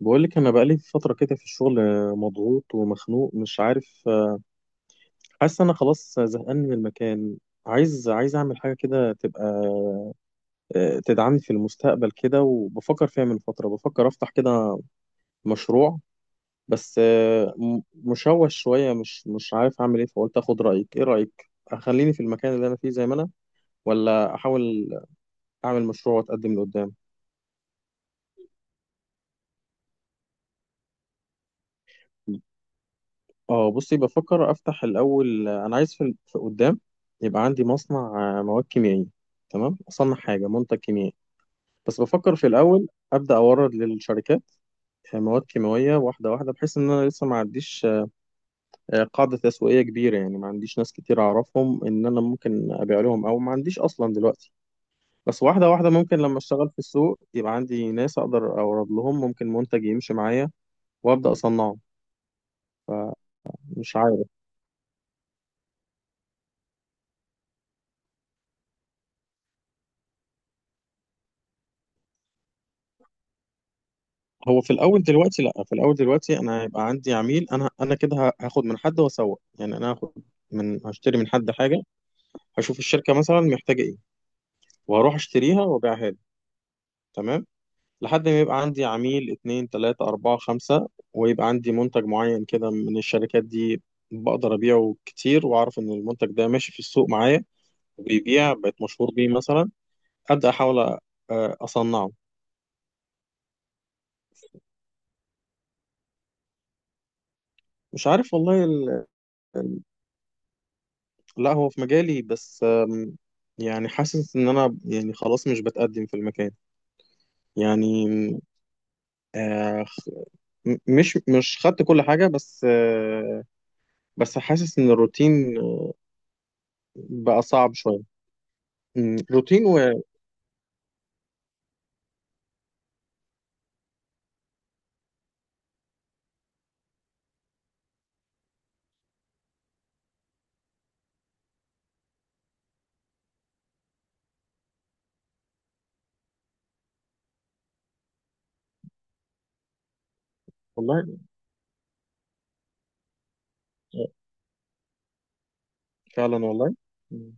بقول لك انا بقالي فتره كده في الشغل، مضغوط ومخنوق مش عارف، حاسس انا خلاص زهقان من المكان. عايز اعمل حاجه كده تبقى تدعمني في المستقبل كده، وبفكر فيها من فتره، بفكر افتح كده مشروع. بس مشوش شويه، مش عارف اعمل ايه، فقلت اخد رايك. ايه رايك، اخليني في المكان اللي انا فيه زي ما انا، ولا احاول اعمل مشروع واتقدم لقدام؟ اه بصي، بفكر افتح الاول. انا عايز في قدام يبقى عندي مصنع مواد كيميائيه. تمام، اصنع حاجه، منتج كيميائي. بس بفكر في الاول ابدا اورد للشركات مواد كيماويه واحده واحده، بحيث ان انا لسه ما عنديش قاعده تسويقيه كبيره، يعني ما عنديش ناس كتير اعرفهم ان انا ممكن ابيع لهم، او ما عنديش اصلا دلوقتي. بس واحده واحده، ممكن لما اشتغل في السوق يبقى عندي ناس اقدر اورد لهم، ممكن منتج يمشي معايا وابدا اصنعه. فمش عارف. هو في الاول دلوقتي، لا في الاول دلوقتي انا هيبقى عندي عميل. انا كده هاخد من حد واسوق، يعني انا هاخد من، هشتري من حد حاجه، هشوف الشركه مثلا محتاجه ايه، وهروح اشتريها وابيعها له. تمام. لحد ما يبقى عندي عميل اتنين تلاته اربعه خمسه، ويبقى عندي منتج معين كده من الشركات دي، بقدر ابيعه كتير، واعرف ان المنتج ده ماشي في السوق معايا وبيبيع، بقيت مشهور بيه مثلا، ابدا احاول اصنعه. مش عارف والله. لا هو في مجالي، بس يعني حاسس ان انا، يعني خلاص مش بتقدم في المكان. يعني آه، خ- مش خدت كل حاجة، بس بس حاسس ان الروتين بقى صعب شوية. روتين والله. آه، فعلا والله. م،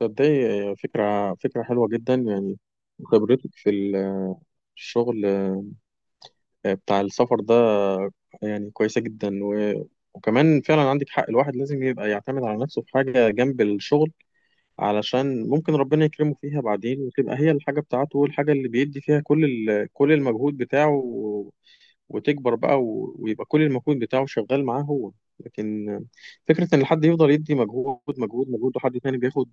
تصدقي، فكرة حلوة جدا يعني. خبرتك في الشغل بتاع السفر ده، يعني كويسة جدا، وكمان فعلا عندك حق. الواحد لازم يبقى يعتمد على نفسه في حاجة جنب الشغل، علشان ممكن ربنا يكرمه فيها بعدين، وتبقى هي الحاجة بتاعته، والحاجة اللي بيدي فيها كل كل المجهود بتاعه، وتكبر بقى، ويبقى كل المجهود بتاعه شغال معاه هو. لكن فكرة إن حد يفضل يدي مجهود مجهود مجهود وحد تاني بياخد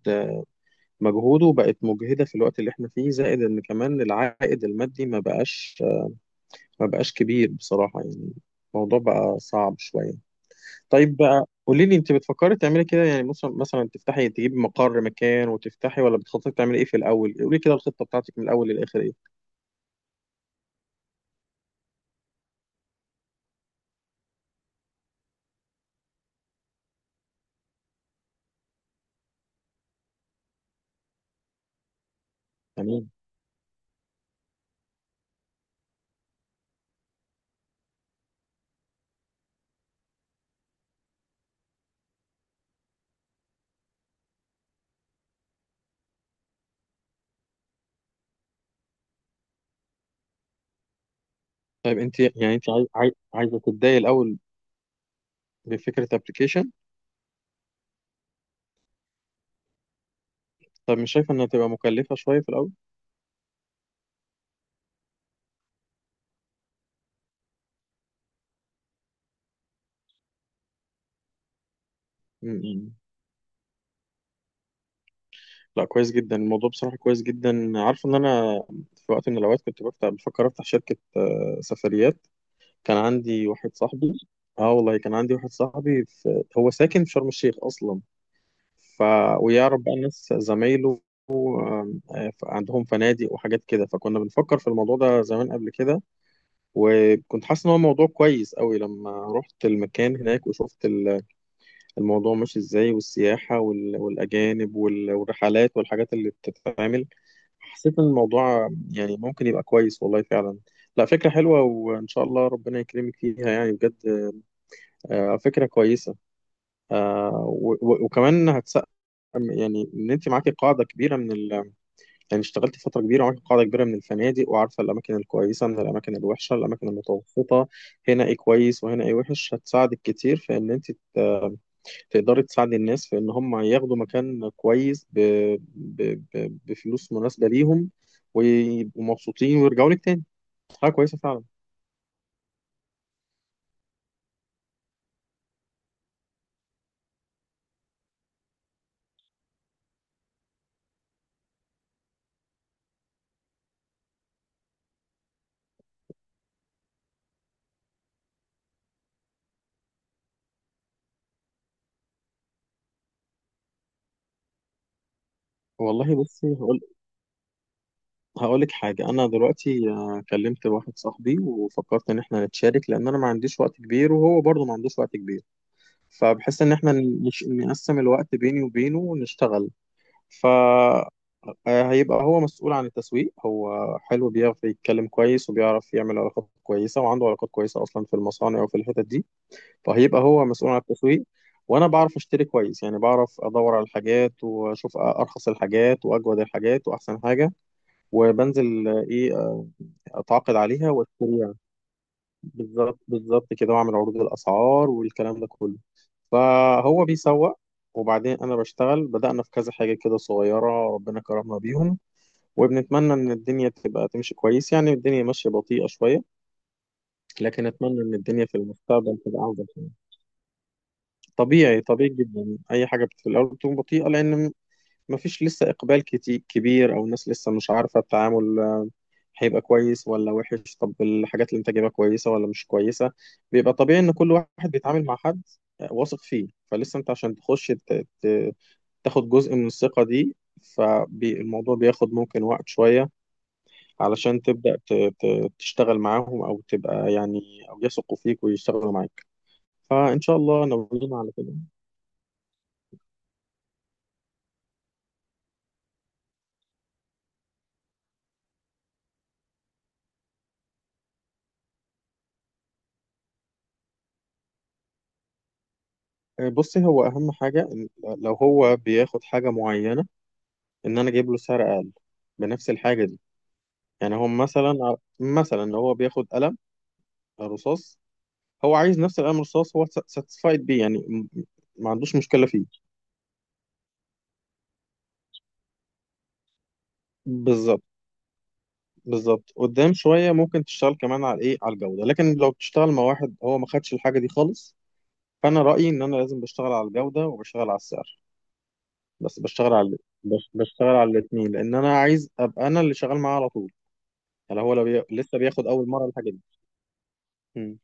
مجهوده، بقت مجهدة في الوقت اللي احنا فيه، زائد إن كمان العائد المادي ما بقاش كبير بصراحة يعني. الموضوع بقى صعب شوية. طيب بقى قولي لي، انت بتفكري تعملي كده يعني، مثلا تفتحي، تجيبي مقر مكان وتفتحي، ولا بتخططي تعملي ايه في الاول؟ قولي لي كده الخطه بتاعتك من الاول للاخر ايه. تمام. طيب انت يعني، انت عايزه تبداي الاول بفكره ابلكيشن؟ طب مش شايفه انها تبقى مكلفه شويه في الاول؟ م-م. لا، كويس جدا الموضوع، بصراحه كويس جدا. عارفه ان انا في وقت من الاوقات كنت بفتح، بفكر افتح شركه سفريات. كان عندي واحد صاحبي. اه والله، كان عندي واحد صاحبي في... هو ساكن في شرم الشيخ اصلا. ف ويعرف بقى ناس زمايله، عندهم فنادق وحاجات كده. فكنا بنفكر في الموضوع ده زمان قبل كده، وكنت حاسس ان هو موضوع كويس قوي. لما رحت المكان هناك وشفت الموضوع ماشي ازاي، والسياحة والاجانب والرحلات والحاجات اللي بتتعمل، حسيت ان الموضوع يعني ممكن يبقى كويس، والله فعلا. لا، فكرة حلوة، وإن شاء الله ربنا يكرمك فيها يعني بجد. فكرة كويسة. وكمان هتسقم. يعني إن أنت معاكي قاعدة كبيرة من ال، يعني اشتغلت فترة كبيرة وعارف قاعدة كبيرة من الفنادق، وعارفة الأماكن الكويسة من الأماكن الوحشة، الأماكن المتوسطة، هنا إيه كويس وهنا إيه وحش. هتساعدك كتير في إن أنت تقدري تساعدي الناس في إن هم ياخدوا مكان كويس ب... بفلوس مناسبة ليهم، ويبقوا مبسوطين ويرجعوا لك تاني. حاجة كويسة فعلا. والله بصي، هقول لك حاجة. أنا دلوقتي كلمت واحد صاحبي، وفكرت إن إحنا نتشارك، لأن أنا ما عنديش وقت كبير، وهو برضه ما عندوش وقت كبير. فبحس ان احنا نقسم الوقت بيني وبينه ونشتغل. ف آه، هيبقى هو مسؤول عن التسويق. هو حلو، بيعرف يتكلم كويس، وبيعرف يعمل علاقات كويسة، وعنده علاقات كويسة أصلا في المصانع وفي الحتت دي، فهيبقى هو مسؤول عن التسويق. وأنا بعرف أشتري كويس، يعني بعرف أدور على الحاجات، وأشوف أرخص الحاجات وأجود الحاجات وأحسن حاجة. وبنزل آه، إيه آه، أتعاقد عليها وأشتريها، بالظبط بالظبط كده، وأعمل عروض الأسعار والكلام ده كله. فهو بيسوق، وبعدين انا بشتغل. بدأنا في كذا حاجة كده صغيرة، ربنا كرمنا بيهم، وبنتمنى ان الدنيا تبقى تمشي كويس. يعني الدنيا ماشية بطيئة شوية، لكن اتمنى ان الدنيا في المستقبل تبقى افضل يعني. طبيعي طبيعي جدا، اي حاجة في الاول بتكون بطيئة، لان ما فيش لسه اقبال كتير كبير، او الناس لسه مش عارفة التعامل، هيبقى كويس ولا وحش، طب الحاجات اللي انت جايبها كويسة ولا مش كويسة. بيبقى طبيعي ان كل واحد بيتعامل مع حد واثق فيه، فلسه انت عشان تخش تاخد جزء من الثقة دي، فالموضوع بياخد ممكن وقت شوية علشان تبدأ تشتغل معاهم، أو تبقى يعني، أو يثقوا فيك ويشتغلوا معاك. فإن شاء الله ناويين على كده. بصي، هو أهم حاجة إن لو هو بياخد حاجة معينة، إن أنا أجيب له سعر أقل بنفس الحاجة دي. يعني هو مثلا لو هو بياخد قلم رصاص، هو عايز نفس القلم الرصاص، هو ساتسفايد بيه، يعني ما عندوش مشكلة فيه. بالظبط بالظبط. قدام شويه ممكن تشتغل كمان على ايه، على الجوده، لكن لو بتشتغل مع واحد هو ما خدش الحاجه دي خالص، فانا رايي ان انا لازم بشتغل على الجوده وبشتغل على السعر. بس بشتغل على الاثنين، لان انا عايز ابقى انا اللي شغال معاه على طول. يعني هو لو لسه بياخد اول مره الحاجه دي. مم.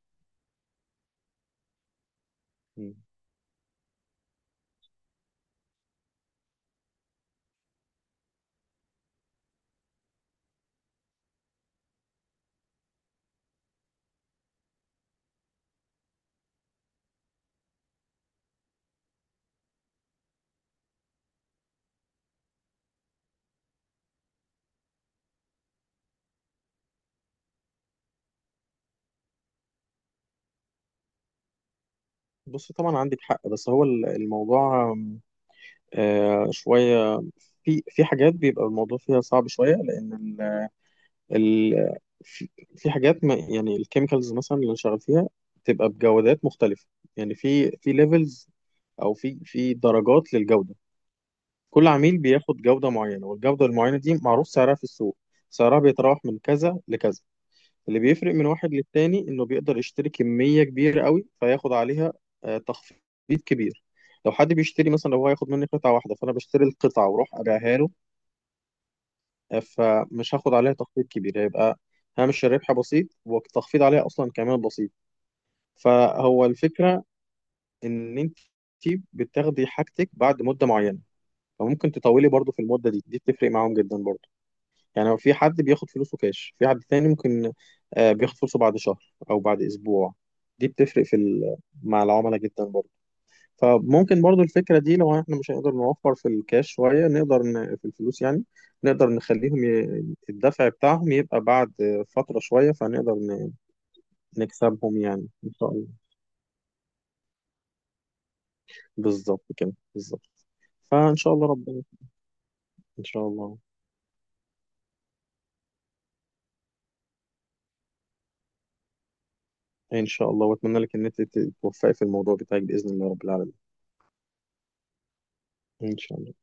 مم. بص طبعا عندك حق. بس هو الموضوع آم، آه شويه، في حاجات بيبقى الموضوع فيها صعب شويه، لان ال... في في حاجات، ما يعني الكيميكالز مثلا اللي شغال فيها بتبقى بجودات مختلفة. يعني في ليفلز، او في درجات للجودة. كل عميل بياخد جودة معينة، والجودة المعينة دي معروف سعرها في السوق، سعرها بيتراوح من كذا لكذا. اللي بيفرق من واحد للتاني انه بيقدر يشتري كمية كبيرة قوي، فياخد عليها تخفيض كبير. لو حد بيشتري مثلا، لو هو هياخد مني قطعة واحدة، فأنا بشتري القطعة وأروح أبيعها له، فمش هاخد عليها تخفيض كبير، هيبقى هامش الربح بسيط، والتخفيض عليها اصلا كمان بسيط. فهو الفكره ان انت بتاخدي حاجتك بعد مده معينه، فممكن تطولي برضو في المده دي، دي بتفرق معاهم جدا برضو. يعني في حد بياخد فلوسه كاش، في حد تاني ممكن بياخد فلوسه بعد شهر او بعد اسبوع، دي بتفرق في مع العملاء جدا برضو. فممكن برضو الفكرة دي، لو احنا مش هنقدر نوفر في الكاش شوية، نقدر في الفلوس يعني، نقدر نخليهم الدفع بتاعهم يبقى بعد فترة شوية، فنقدر نكسبهم يعني ان شاء الله. بالظبط كده بالظبط. فان شاء الله ربنا. ان شاء الله. ان شاء الله، واتمنى لك ان انت تتوفقي في الموضوع بتاعك باذن الله رب العالمين. ان شاء الله.